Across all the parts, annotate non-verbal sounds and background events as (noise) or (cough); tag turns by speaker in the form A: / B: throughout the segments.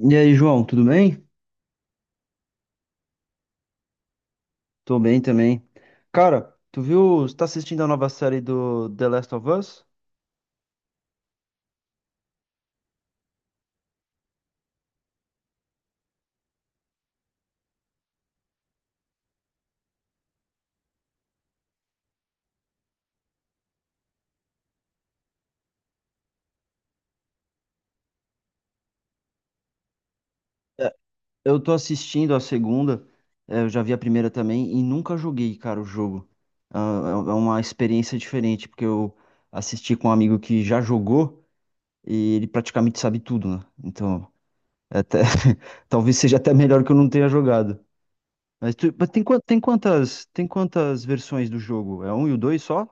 A: E aí, João, tudo bem? Tô bem também. Cara, tu viu, você tá assistindo a nova série do The Last of Us? É, Eu tô assistindo a segunda, eu já vi a primeira também e nunca joguei, cara, o jogo. Ah, é uma experiência diferente, porque eu assisti com um amigo que já jogou e ele praticamente sabe tudo, né? Então, é até, (laughs) talvez seja até melhor que eu não tenha jogado. Mas, mas tem, tem quantas versões do jogo? É um e o dois só?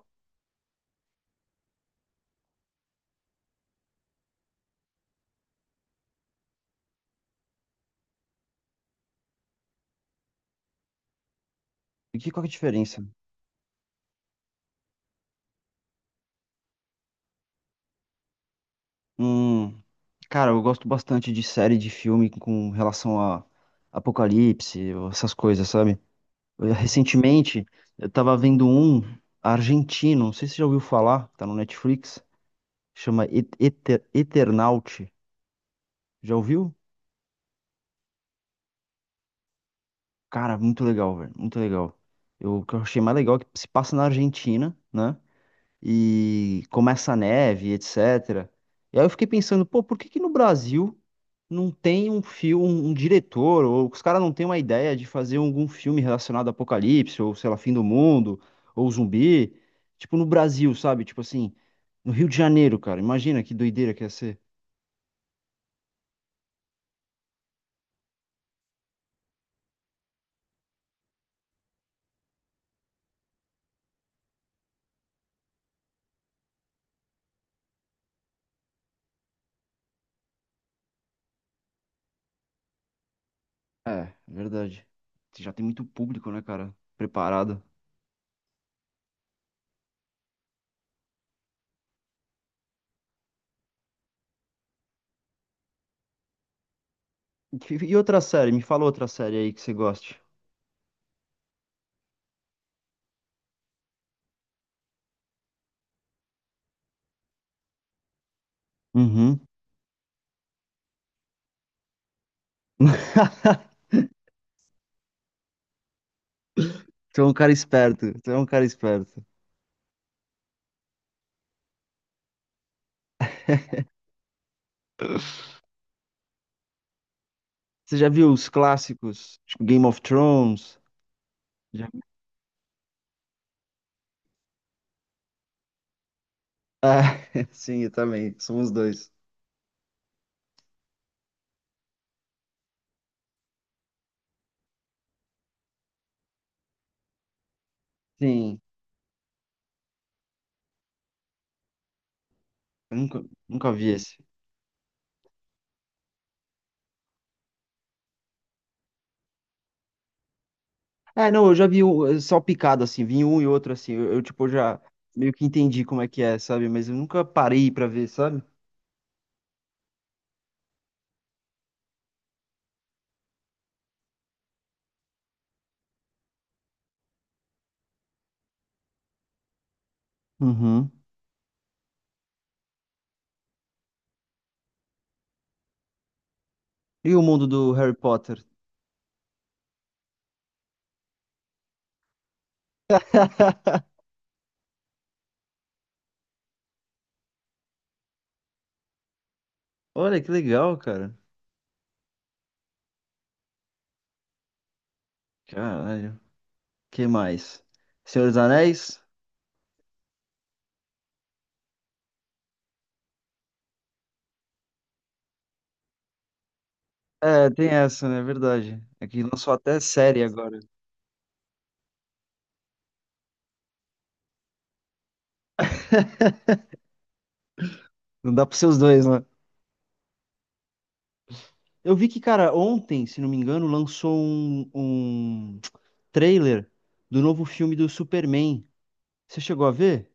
A: E que, qual que é a diferença? Hum, cara, eu gosto bastante de série de filme com relação a apocalipse, essas coisas, sabe? Eu, recentemente, eu tava vendo um argentino, não sei se você já ouviu falar, tá no Netflix, chama Eternaut. Já ouviu? Cara, muito legal, velho, muito legal. Eu, o que eu achei mais legal é que se passa na Argentina, né? E começa a neve, etc. E aí eu fiquei pensando, pô, por que que no Brasil não tem um filme, um diretor, ou os caras não têm uma ideia de fazer algum filme relacionado a apocalipse, ou sei lá, fim do mundo, ou zumbi? Tipo, no Brasil, sabe? Tipo assim, no Rio de Janeiro, cara. Imagina que doideira que ia ser. É, verdade. Você já tem muito público, né, cara? Preparado. E outra série? Me fala outra série aí que você goste. Uhum. (laughs) Tu é um cara esperto. Tu é um cara esperto. Você já viu os clássicos, tipo Game of Thrones? Já- Ah, (laughs) sim, eu também. Somos dois. Sim, eu nunca, nunca vi esse. É, não, eu já vi um, só picado, assim, vi um e outro, assim. Tipo, já meio que entendi como é que é, sabe? Mas eu nunca parei pra ver, sabe? Uhum. E o mundo do Harry Potter? Olha, que legal, cara. Caralho. Que mais? Senhor dos Anéis? É, tem essa, né? É verdade. É que lançou até série agora. Não dá pra ser os dois, né? Eu vi que, cara, ontem, se não me engano, lançou um trailer do novo filme do Superman. Você chegou a ver?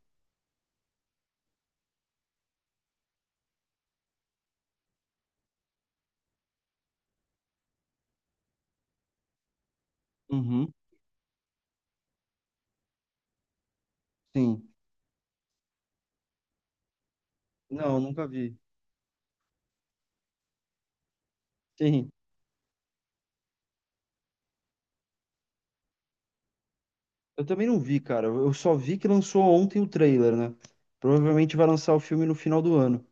A: Uhum. Sim. Não, nunca vi. Sim. Eu também não vi, cara. Eu só vi que lançou ontem o trailer, né? Provavelmente vai lançar o filme no final do ano.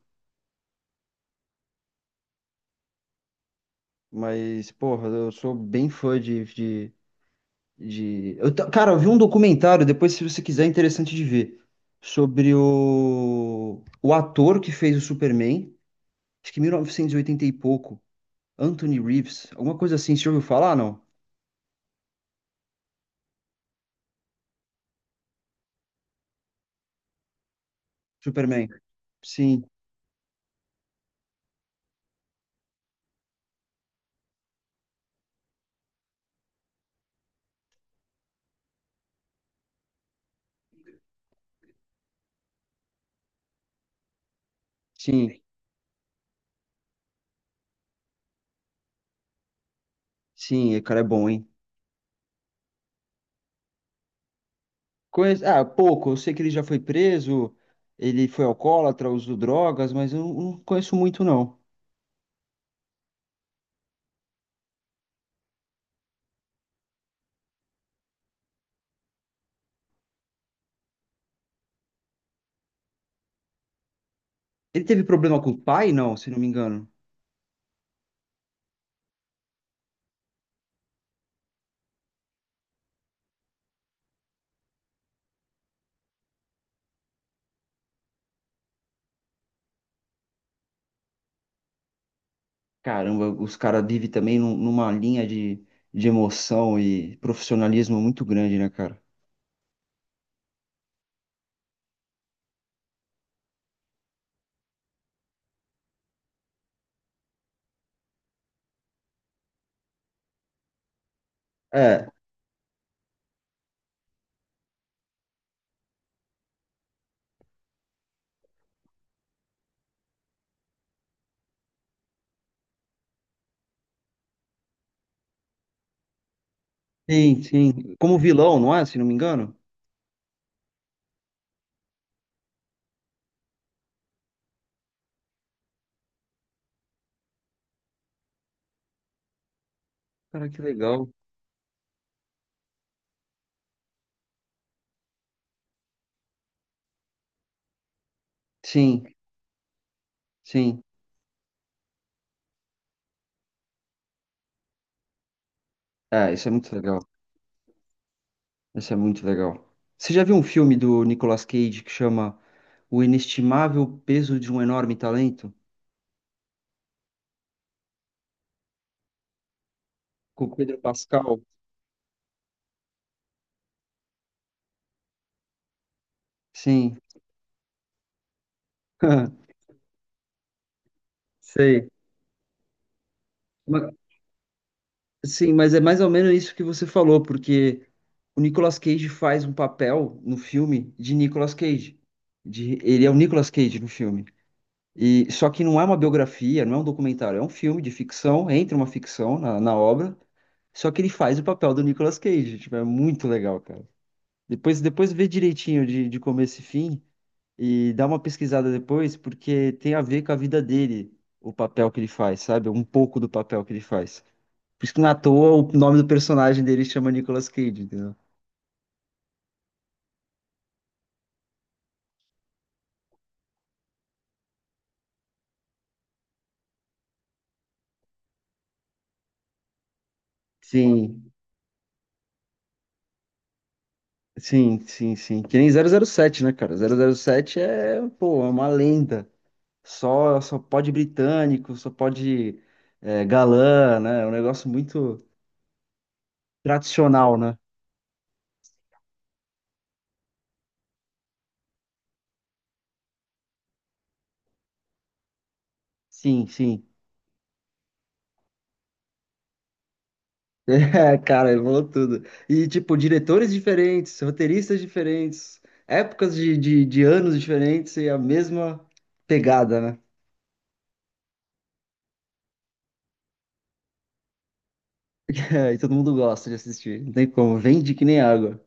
A: Mas, porra, eu sou bem fã de... Eu, cara, eu vi um documentário, depois, se você quiser, é interessante de ver, sobre o ator que fez o Superman. Acho que 1980 e oitenta e pouco, Anthony Reeves, alguma coisa assim, você já ouviu falar, não? Superman. Sim, sim, sim, o cara é bom, hein? Ah, pouco, eu sei que ele já foi preso, ele foi alcoólatra, usou drogas, mas eu não conheço muito, não. Ele teve problema com o pai, não, se não me engano. Caramba, os caras vivem também numa linha de emoção e profissionalismo muito grande, né, cara? É, sim, sim. Como vilão, não é? Se não me engano. Cara, que legal. Sim, sim. É, isso é muito legal. Isso é muito legal. Você já viu um filme do Nicolas Cage que chama O Inestimável Peso de um Enorme Talento? Com o Pedro Pascal? Sim. (laughs) Sei. Ma- Sim, mas é mais ou menos isso que você falou, porque o Nicolas Cage faz um papel no filme de Nicolas Cage. De, ele é o Nicolas Cage no filme. E só que não é uma biografia, não é um documentário, é um filme de ficção, entra uma ficção na obra, só que ele faz o papel do Nicolas Cage. Tipo, é muito legal, cara. Depois vê direitinho de começo e fim e dá uma pesquisada depois, porque tem a ver com a vida dele, o papel que ele faz, sabe? Um pouco do papel que ele faz. Por isso que não é à toa o nome do personagem dele chama Nicolas Cage, entendeu? Sim, sim. Que nem 007 né, cara? 007 é, pô, é uma lenda. Só pode britânico, só pode é, galã, né? É um negócio muito tradicional, né? Sim, sim, é, cara, evoluiu tudo. E, tipo, diretores diferentes, roteiristas diferentes, épocas de anos diferentes e a mesma pegada, né? (laughs) É, e todo mundo gosta de assistir. Não tem como, vende que nem água.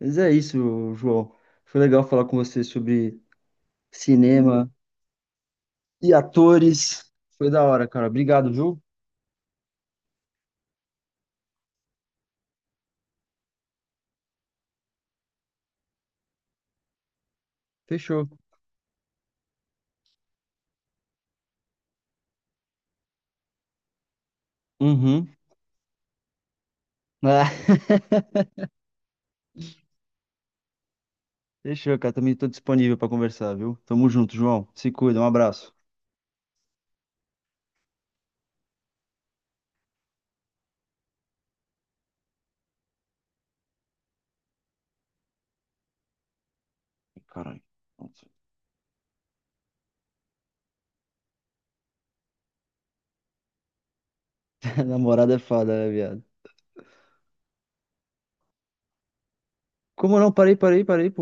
A: Mas é isso, João. Foi legal falar com você sobre cinema e atores. Foi da hora, cara. Obrigado, viu? Fechou. Uhum. Ah, (laughs) fechou, cara. Também tô disponível pra conversar, viu? Tamo junto, João. Se cuida, um abraço. Caralho. (laughs) Namorada é foda, né, viado? Como não? Parei, parei, parei, pô.